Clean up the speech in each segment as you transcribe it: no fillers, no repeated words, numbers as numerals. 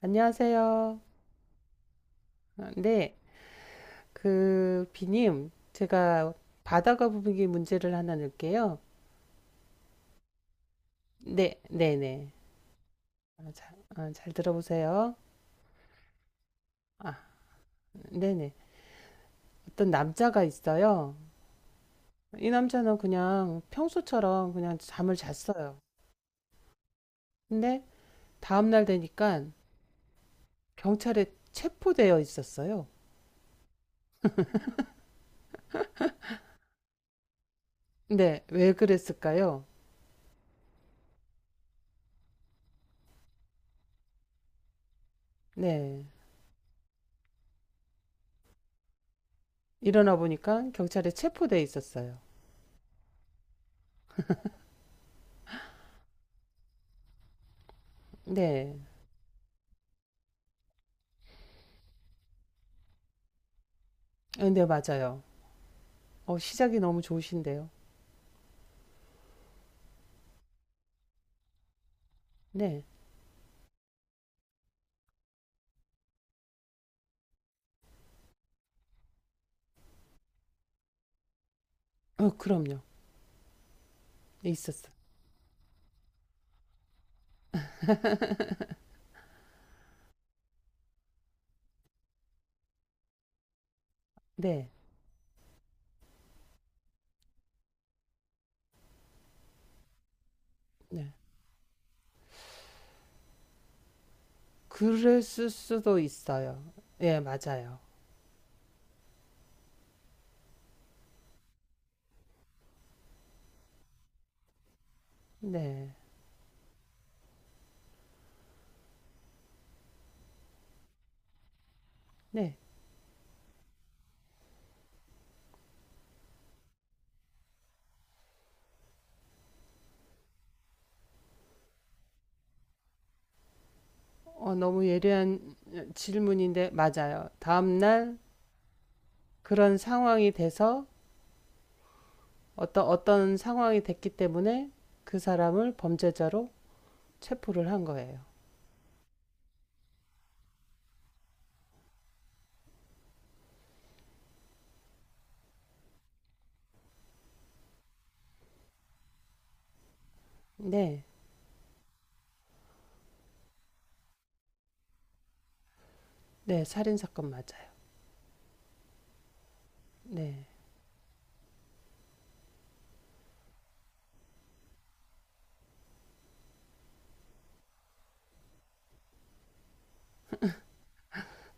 안녕하세요. 아, 네, 그 비님, 제가 바다가 부분기 문제를 하나 낼게요. 네, 네, 네. 아, 자, 아, 잘 들어보세요. 아, 네, 네. 어떤 남자가 있어요. 이 남자는 그냥 평소처럼 그냥 잠을 잤어요. 근데 다음날 되니까 경찰에 체포되어 있었어요. 네, 왜 그랬을까요? 네, 일어나 보니까 경찰에 체포되어 있었어요. 네, 네, 맞아요. 어, 시작이 너무 좋으신데요. 네. 어, 그럼요. 있었어. 네. 네. 그랬을 수도 있어요. 예, 맞아요. 네. 네. 어, 너무 예리한 질문인데, 맞아요. 다음날 그런 상황이 돼서 어떤 상황이 됐기 때문에 그 사람을 범죄자로 체포를 한 거예요. 네. 네. 살인사건 맞아요. 네.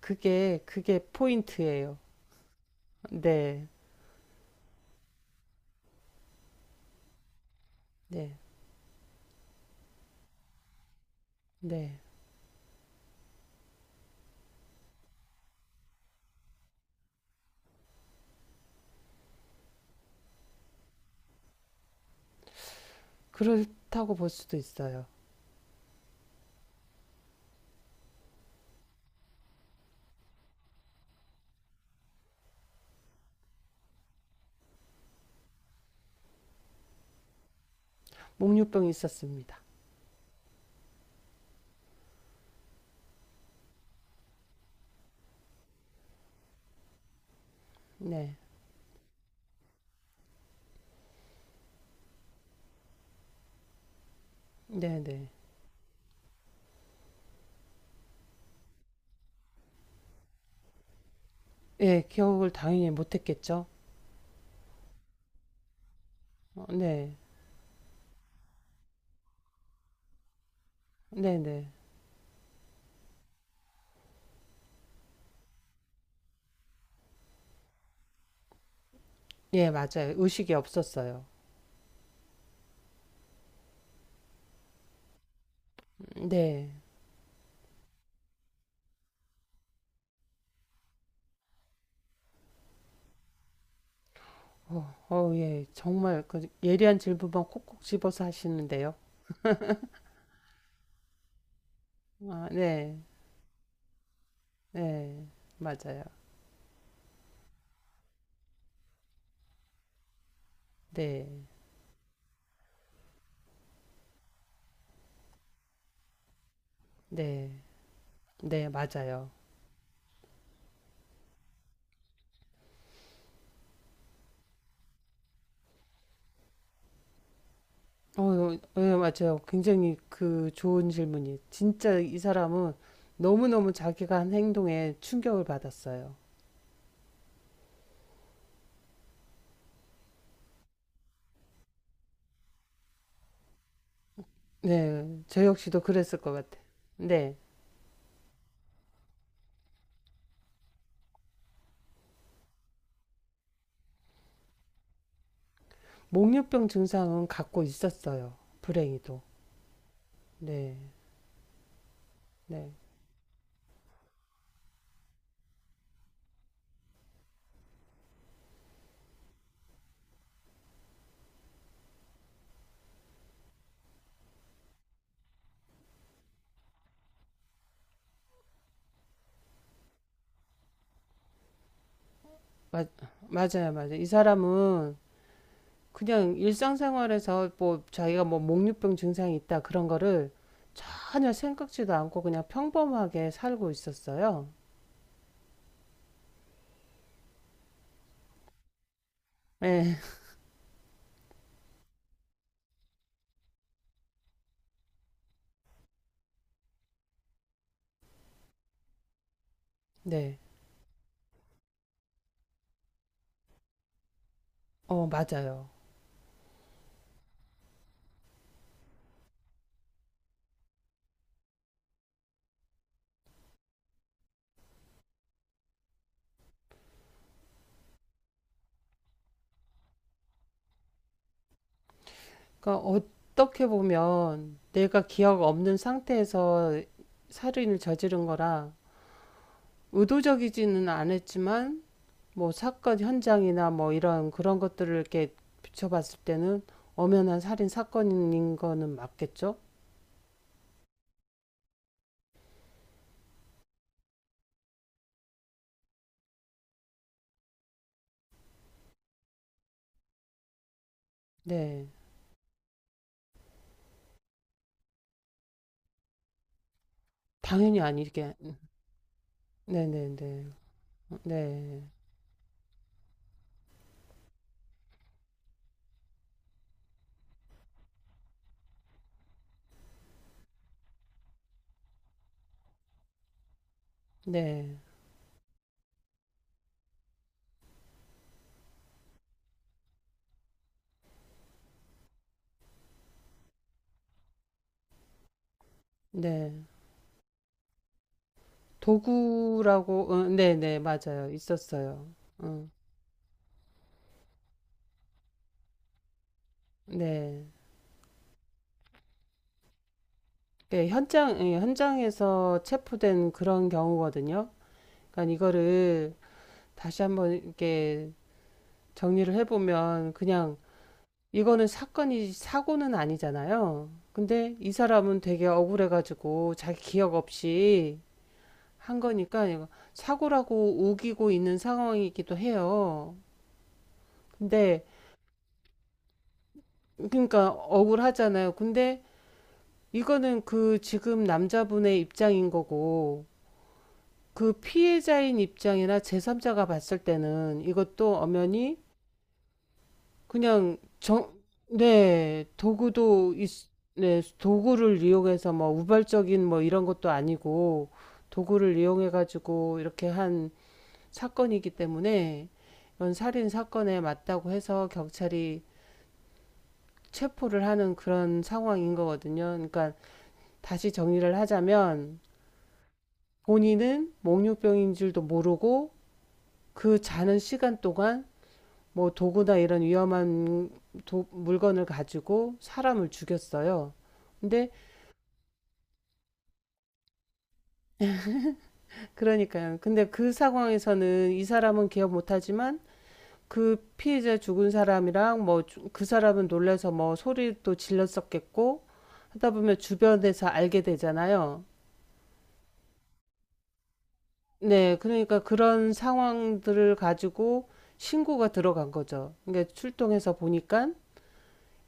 그게 포인트예요. 네. 네. 네. 그렇다고 볼 수도 있어요. 목류병이 있었습니다. 네, 네, 네. 예, 기억을 당연히 못했겠죠. 어, 네, 네, 네. 예, 맞아요. 의식이 없었어요. 네. 어, 어, 예, 정말 그 예리한 질문만 콕콕 집어서 하시는데요. 아, 네, 네, 맞아요. 네, 네, 네, 맞아요. 어, 어, 예, 맞아요. 굉장히 그 좋은 질문이. 진짜 이 사람은 너무너무 자기가 한 행동에 충격을 받았어요. 네, 저 역시도 그랬을 것 같아요. 네. 목류병 증상은 갖고 있었어요. 불행히도. 네, 네. 마, 맞아요, 맞아요. 이 사람은 그냥 일상생활에서 뭐 자기가 뭐 목류병 증상이 있다 그런 거를 전혀 생각지도 않고 그냥 평범하게 살고 있었어요. 네, 네. 어, 맞아요. 그러니까 어떻게 보면 내가 기억 없는 상태에서 살인을 저지른 거라 의도적이지는 않았지만 뭐 사건 현장이나 뭐 이런 그런 것들을 이렇게 비춰봤을 때는 엄연한 살인 사건인 거는 맞겠죠? 네. 당연히 아니게. 네네네. 네. 네. 네. 네. 네. 네. 도구라고, 어, 네네. 맞아요. 있었어요. 어, 네. 그 현장, 예, 현장에서 체포된 그런 경우거든요. 그러니까 이거를 다시 한번 이렇게 정리를 해보면 그냥 이거는 사건이 사고는 아니잖아요. 근데 이 사람은 되게 억울해가지고 자기 기억 없이 한 거니까 이거 사고라고 우기고 있는 상황이기도 해요. 근데 그러니까 억울하잖아요. 근데 이거는 그 지금 남자분의 입장인 거고 그 피해자인 입장이나 제삼자가 봤을 때는 이것도 엄연히 그냥 네, 도구도 네, 도구를 이용해서 뭐 우발적인 뭐 이런 것도 아니고 도구를 이용해 가지고 이렇게 한 사건이기 때문에 이런 살인 사건에 맞다고 해서 경찰이 체포를 하는 그런 상황인 거거든요. 그러니까 다시 정리를 하자면 본인은 몽유병인 줄도 모르고 그 자는 시간 동안 뭐 도구나 이런 위험한 물건을 가지고 사람을 죽였어요. 근데 그러니까요. 근데 그 상황에서는 이 사람은 기억 못하지만 그 피해자 죽은 사람이랑 뭐 그 사람은 놀라서 뭐 소리도 질렀었겠고 하다 보면 주변에서 알게 되잖아요. 네, 그러니까 그런 상황들을 가지고 신고가 들어간 거죠. 그러니까 출동해서 보니까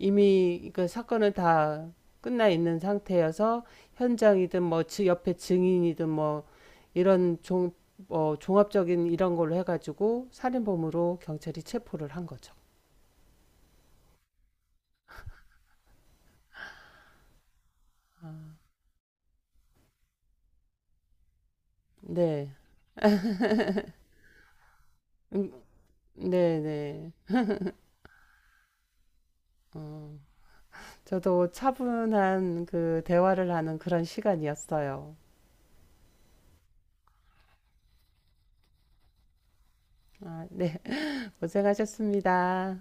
이미 그 사건은 다 끝나 있는 상태여서 현장이든 뭐 옆에 증인이든 뭐 이런 뭐 종합적인 이런 걸로 해가지고 살인범으로 경찰이 체포를 한 거죠. 네, 음, 네, 네. 어, 저도 차분한 그 대화를 하는 그런 시간이었어요. 아, 네, 고생하셨습니다.